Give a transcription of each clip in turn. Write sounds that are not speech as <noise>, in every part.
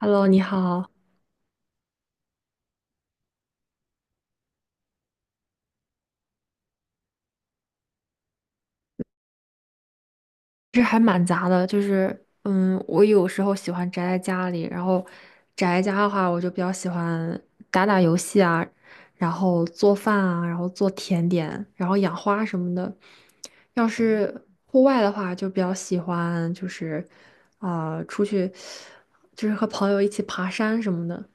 Hello，你好。这还蛮杂的，就是我有时候喜欢宅在家里，然后宅在家的话，我就比较喜欢打打游戏啊，然后做饭啊，然后做甜点，然后养花什么的。要是户外的话，就比较喜欢就是啊、出去，就是和朋友一起爬山什么的。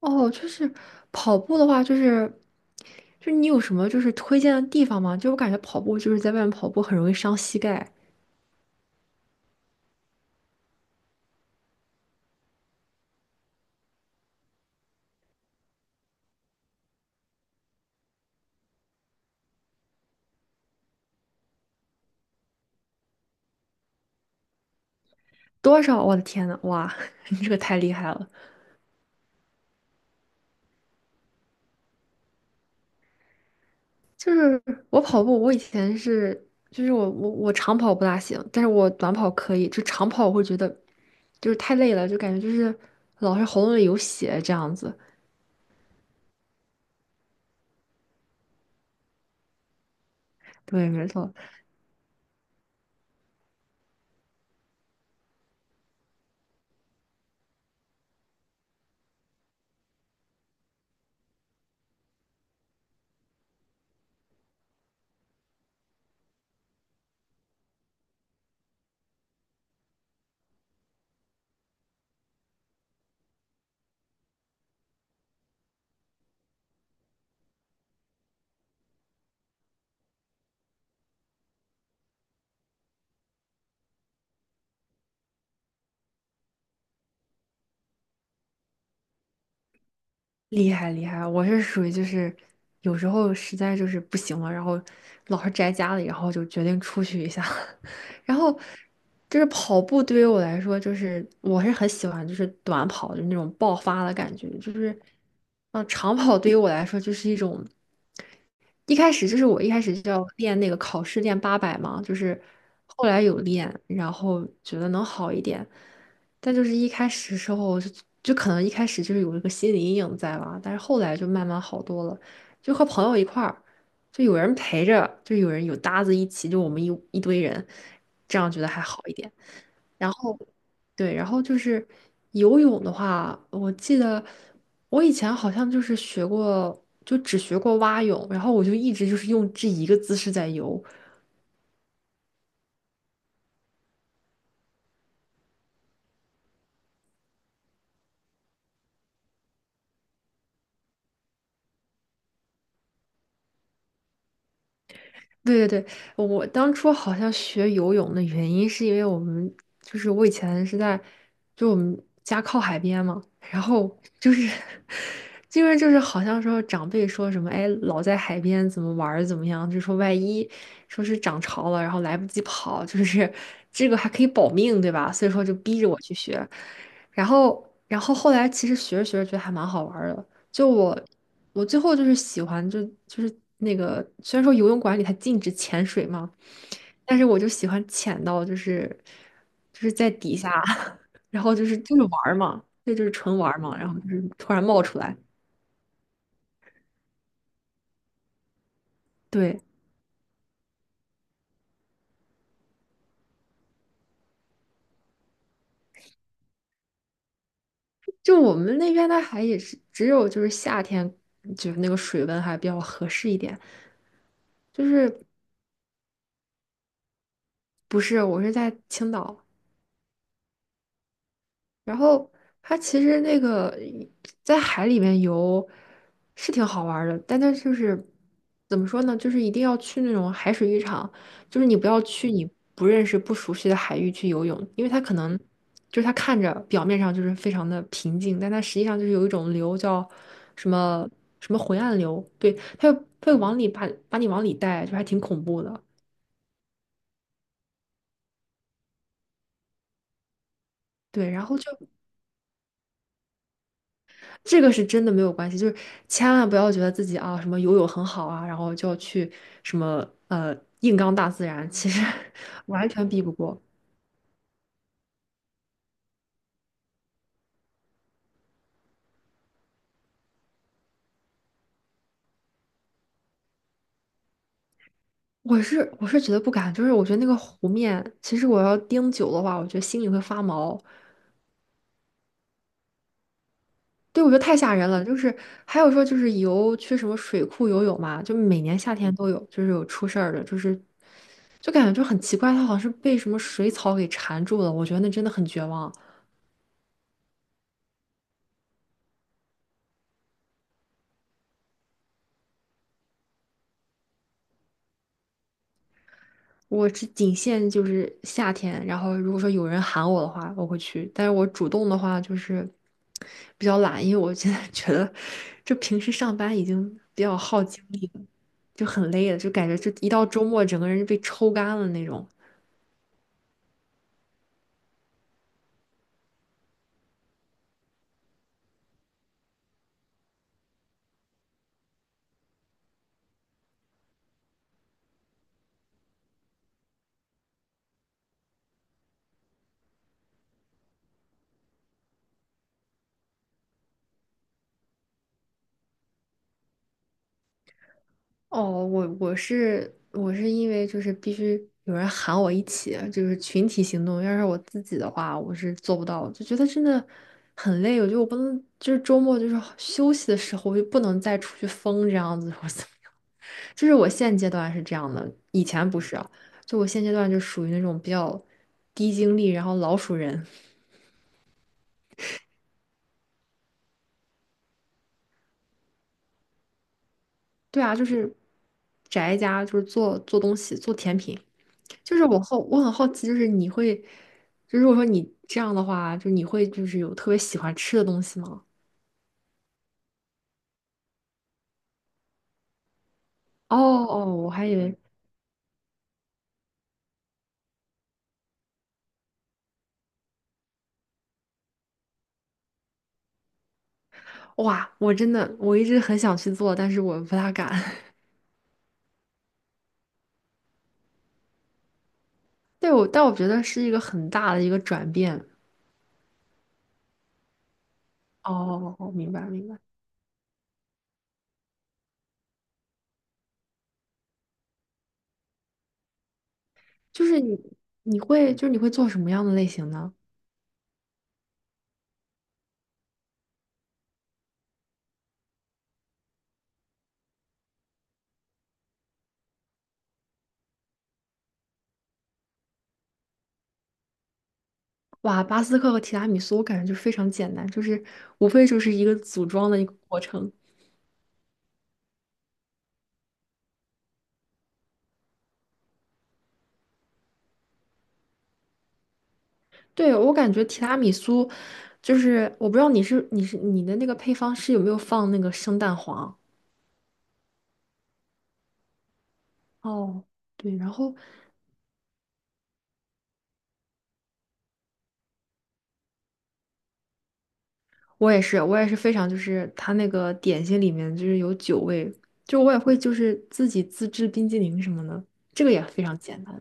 哦，就是跑步的话，就是你有什么就是推荐的地方吗？就我感觉跑步就是在外面跑步很容易伤膝盖。多少？我的天呐，哇，<laughs> 你这个太厉害了！就是我跑步，我以前是就是我长跑不大行，但是我短跑可以。就长跑我会觉得就是太累了，就感觉就是老是喉咙里有血这样子。对，没错。厉害厉害，我是属于就是有时候实在就是不行了，然后老是宅家里，然后就决定出去一下。<laughs> 然后就是跑步对于我来说，就是我是很喜欢就是短跑，就是那种爆发的感觉。就是嗯，长跑对于我来说就是一种一开始，就是我一开始就要练那个考试练八百嘛，就是后来有练，然后觉得能好一点。但就是一开始时候我就就可能一开始就是有一个心理阴影在吧，但是后来就慢慢好多了，就和朋友一块儿，就有人陪着，就有人有搭子一起，就我们一堆人，这样觉得还好一点。然后，对，然后就是游泳的话，我记得我以前好像就是学过，就只学过蛙泳，然后我就一直就是用这一个姿势在游。对对对，我当初好像学游泳的原因是因为我们就是我以前是在就我们家靠海边嘛，然后就是 <laughs> 因为就是好像说长辈说什么哎老在海边怎么玩儿怎么样，就说万一说是涨潮了，然后来不及跑，就是 <laughs> 这个还可以保命对吧？所以说就逼着我去学，然后后来其实学着学着觉得还蛮好玩儿的。就我，我最后就是喜欢就就是那个，虽然说游泳馆里它禁止潜水嘛，但是我就喜欢潜到就是就是在底下，<laughs> 然后就是就是玩儿嘛，对，就是纯玩儿嘛，然后就是突然冒出来。对，就我们那边的海也是只有就是夏天，就是那个水温还比较合适一点。就是不是，我是在青岛。然后它其实那个在海里面游是挺好玩儿的，但它就是怎么说呢？就是一定要去那种海水浴场，就是你不要去你不认识、不熟悉的海域去游泳，因为它可能就是它看着表面上就是非常的平静，但它实际上就是有一种流叫什么什么回岸流，对，它会往里把你往里带，就还挺恐怖的。对，然后就这个是真的没有关系，就是千万不要觉得自己啊什么游泳很好啊，然后就要去什么硬刚大自然，其实 <laughs> 完全避不过。我是我是觉得不敢，就是我觉得那个湖面，其实我要盯久的话，我觉得心里会发毛。对，我觉得太吓人了。就是还有说就是游去什么水库游泳嘛，就每年夏天都有，就是有出事儿的，就是就感觉就很奇怪，它好像是被什么水草给缠住了。我觉得那真的很绝望。我是仅限就是夏天，然后如果说有人喊我的话，我会去。但是我主动的话就是比较懒，因为我现在 <laughs> 觉得就平时上班已经比较耗精力了，就很累了，就感觉就一到周末整个人就被抽干了那种。哦，我我是因为就是必须有人喊我一起，就是群体行动。要是我自己的话，我是做不到，就觉得真的很累。我觉得我不能，就是周末就是休息的时候，我就不能再出去疯这样子。<laughs> 我怎么就是我现阶段是这样的，以前不是啊，就我现阶段就属于那种比较低精力，然后老鼠人。<laughs> 对啊，就是宅家，就是做做东西，做甜品。就是我好，我很好奇，就是你会，就如果说你这样的话，就你会就是有特别喜欢吃的东西吗？哦哦，我还以为哇，我真的我一直很想去做，但是我不大敢。<laughs> 对，我但我觉得是一个很大的一个转变。哦，明白明白。就是你会就是你会做什么样的类型呢？哇，巴斯克和提拉米苏我感觉就非常简单，就是无非就是一个组装的一个过程。对，我感觉提拉米苏，就是我不知道你是你的那个配方是有没有放那个生蛋黄？哦，对。然后我也是，我也是非常就是它那个点心里面就是有酒味，就我也会就是自己自制冰激凌什么的，这个也非常简单，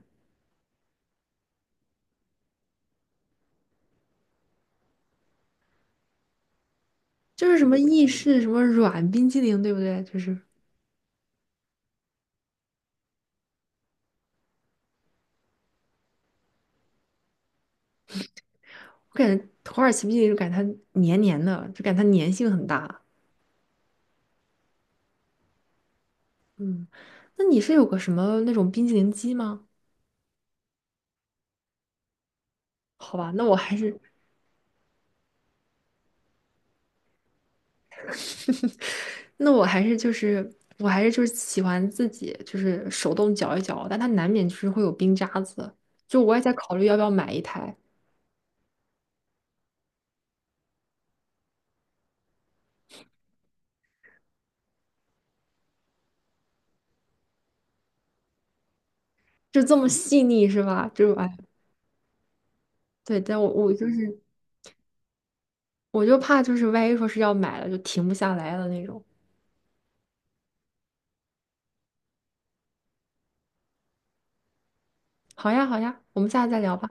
就是什么意式什么软冰激凌，对不对？就是我感觉土耳其冰激凌就感觉它黏黏的，就感觉它粘性很大。嗯，那你是有个什么那种冰激凌机吗？好吧，那我还是。<laughs> 那我还是就是我还是就是喜欢自己就是手动搅一搅，但它难免就是会有冰渣子。就我也在考虑要不要买一台，就这么细腻是吧？就是哎，对。但我就是我就怕就是万一说是要买了就停不下来了那种。好呀好呀，我们下次再聊吧。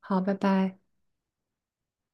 好，拜拜。